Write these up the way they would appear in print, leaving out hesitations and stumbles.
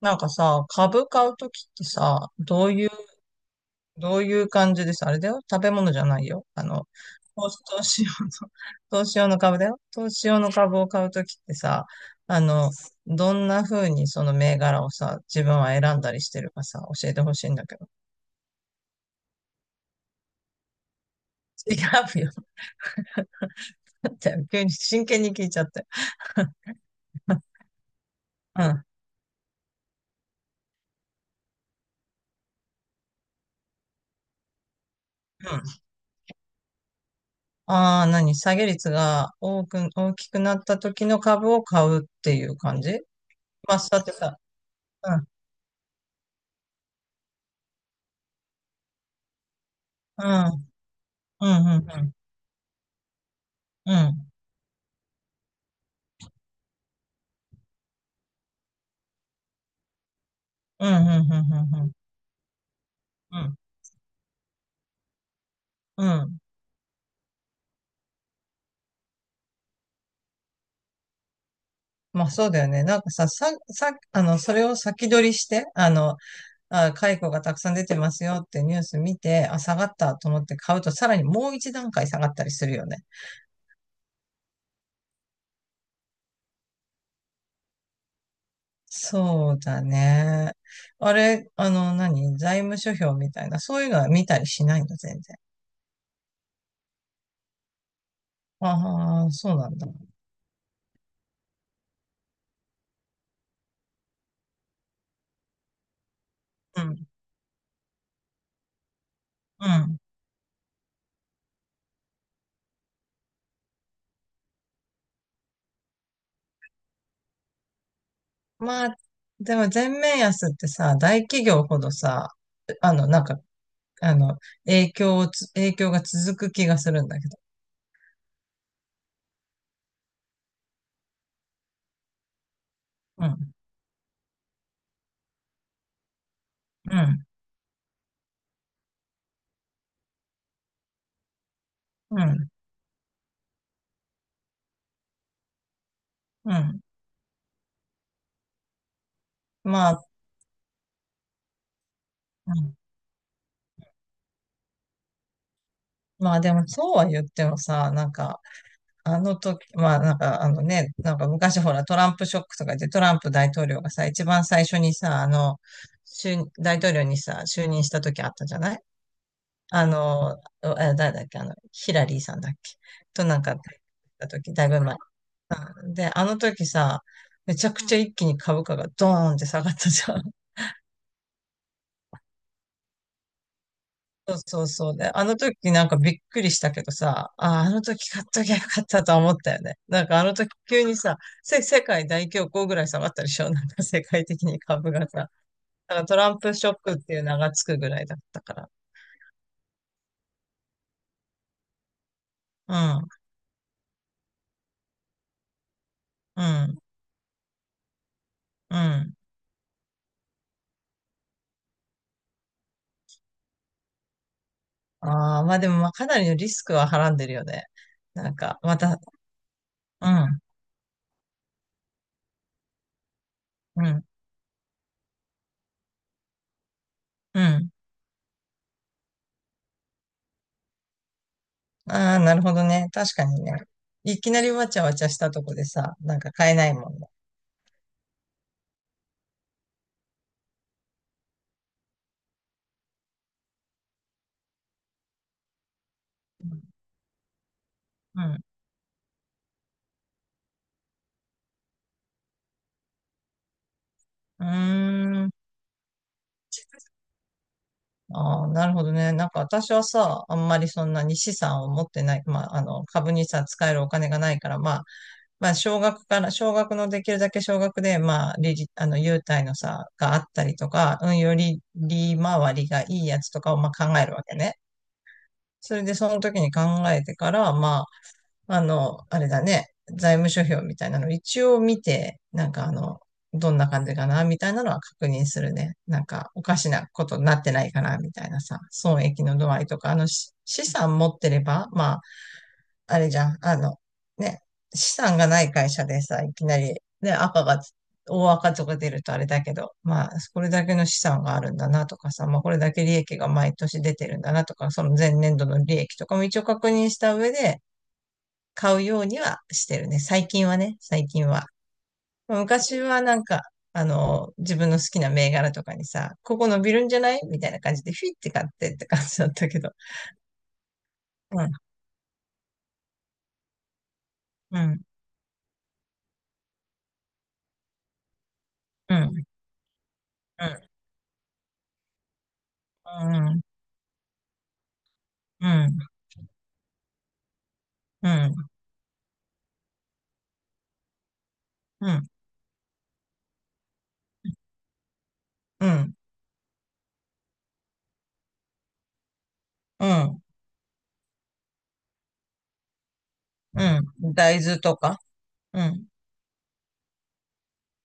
なんかさ、株買うときってさ、どういう感じでさ、あれだよ。食べ物じゃないよ。投資投資用の、投資用の株だよ。投資用の株を買うときってさ、あの、どんな風にその銘柄をさ、自分は選んだりしてるかさ、教えてほしいんだけど。違うよ。だって、急に真剣に聞いちゃって。うん。うん。ああ、何下げ率が多く、大きくなった時の株を買うっていう感じ。まあ、だってさ、うん、うん、うん、うん、うん。うん。うん、うん、うん、うん、うん。うん、うん。まあそうだよね。なんかさ、それを先取りして、あ、解雇がたくさん出てますよってニュース見て、あ、下がったと思って買うと、さらにもう一段階下がったりするよね。そうだね。あれ、何財務諸表みたいな、そういうのは見たりしないの、全然。ああ、そうなんだ。うん、うん。まあ、でも全面安ってさ、大企業ほどさ、なんかあの、影響が続く気がするんだけど。うん、うん、うん、うん。まあ、うん。まあでもそうは言ってもさ、なんか、あの時、まあなんかあのね、なんか昔ほらトランプショックとかでトランプ大統領がさ、一番最初にさ、あの、就大統領にさ、就任した時あったじゃない。あの、あ誰だっけ、ヒラリーさんだっけとなんか、た時、だいぶ前。で、あの時さ、めちゃくちゃ一気に株価がドーンって下がったじゃん。そうそうそうね。あの時なんかびっくりしたけどさ、ああ、あの時買っときゃよかったとは思ったよね。なんかあの時急にさ、世界大恐慌ぐらい下がったでしょ なんか世界的に株がさ。なんかトランプショックっていう名がつくぐらいだったから。うん、うん、うん。ああ、まあでもまあかなりのリスクははらんでるよね。なんか、また、うん、うん、うん。ああ、なるほどね。確かにね。いきなりわちゃわちゃしたとこでさ、なんか買えないもんね。うん、うん。うーん。ああ、なるほどね。なんか私はさ、あんまりそんなに資産を持ってない、まあ、株にさ、使えるお金がないから、まあ、少額から、少額のできるだけ少額で、まあ、利率、優待のさ、があったりとか、うん、より利回りがいいやつとかを、まあ、考えるわけね。それで、その時に考えてから、まあ、あれだね、財務諸表みたいなの一応見て、なんかどんな感じかな、みたいなのは確認するね。なんか、おかしなことになってないかな、みたいなさ、損益の度合いとか、資産持ってれば、まあ、あれじゃん、ね、資産がない会社でさ、いきなり、ね、大赤とか出るとあれだけど、まあ、これだけの資産があるんだなとかさ、まあ、これだけ利益が毎年出てるんだなとか、その前年度の利益とかも一応確認した上で、買うようにはしてるね。最近はね、最近は。昔はなんか、自分の好きな銘柄とかにさ、ここ伸びるんじゃないみたいな感じで、フィって買ってって感じだったけど。うん、うん、うん、うん、うん、うん、うん、うん、うん、うん、うん、大豆とか。うん、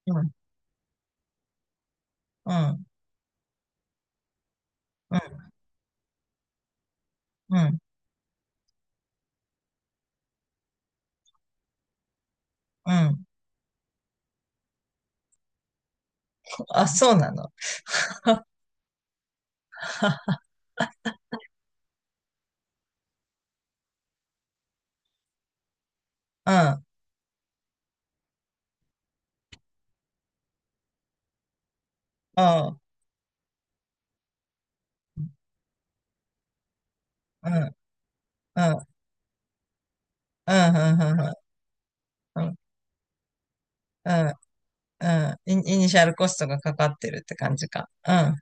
うん、うん、うん、うん、うん。あ、そうなの。うん、うん、うん、うん、うん、うん、うん、うん、うん。うん。イニシャルコストがかかってるって感じか。うん。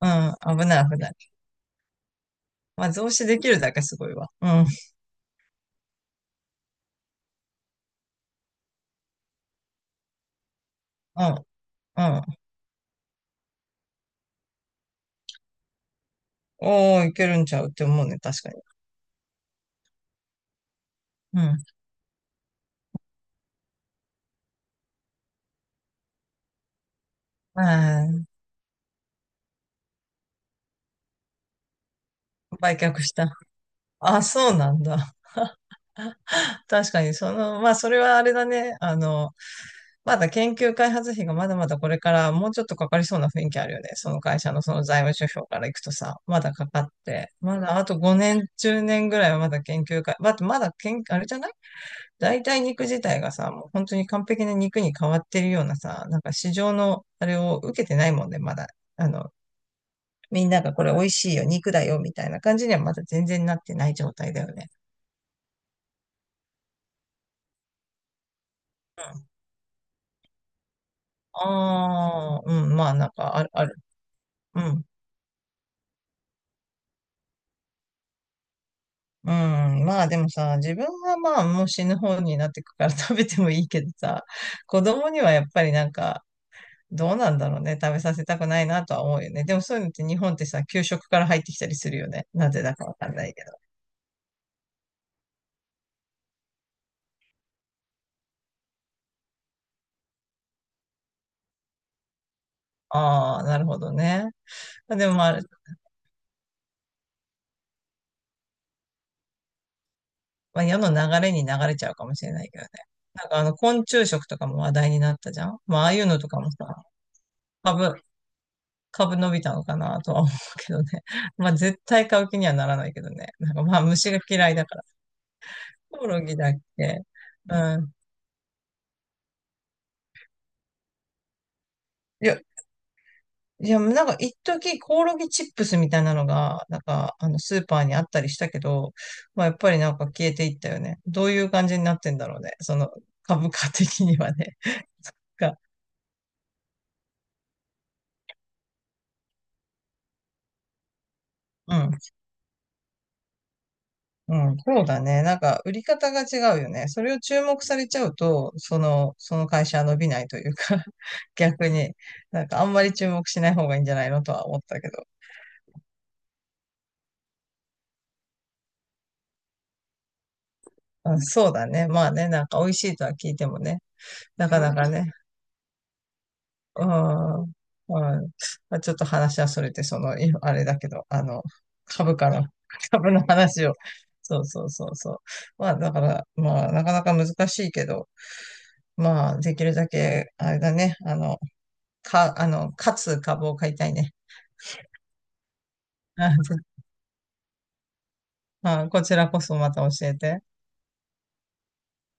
うん。危ない、危ない。まあ、増資できるだけすごいわ。うん。うん。うん。おー、いけるんちゃうって思うね、確かに。うん。あー、売却した。あ、そうなんだ。確かに、その、まあ、それはあれだね。まだ研究開発費がまだまだこれからもうちょっとかかりそうな雰囲気あるよね。その会社のその財務諸表からいくとさ、まだかかって、まだあと5年、10年ぐらいはまだ研究開、まだ、まだ研、あれじゃない。代替肉自体がさ、もう本当に完璧な肉に変わってるようなさ、なんか市場のあれを受けてないもんね、まだ。あの、みんながこれ美味しいよ、肉だよ、みたいな感じにはまだ全然なってない状態だよね。ああ、うん、まあなんかある、ある。うん。うん、まあでもさ、自分はまあもう死ぬ方になってくから 食べてもいいけどさ、子供にはやっぱりなんか、どうなんだろうね。食べさせたくないなとは思うよね。でもそういうのって日本ってさ、給食から入ってきたりするよね。なぜだかわかんないけど。ああ、なるほどね。でもまあ、世の流れに流れちゃうかもしれないけどね。なんか昆虫食とかも話題になったじゃん。まあ、ああいうのとかもさ、株、株伸びたのかなとは思うけどね。まあ、絶対買う気にはならないけどね。なんかまあ、虫が嫌いだから。コオロギだっけ？うん。いやいや、なんか、一時コオロギチップスみたいなのが、なんか、スーパーにあったりしたけど、まあ、やっぱりなんか消えていったよね。どういう感じになってんだろうね。その、株価的にはね。そっか。うん。うん。そうだね。なんか、売り方が違うよね。それを注目されちゃうと、その会社は伸びないというか 逆に、なんか、あんまり注目しない方がいいんじゃないのとは思ったけど。うん、そうだね。まあね、なんか、美味しいとは聞いてもね。なかなかね、ああ、はい。まあ、ちょっと話はそれて、その、あれだけど、株価の、株の話を。そうそうそうそう。まあ、だから、まあ、なかなか難しいけど、まあ、できるだけ、あれだね、あの、か、あの、勝つ株を買いたいね。あ、こちらこそまた教えて。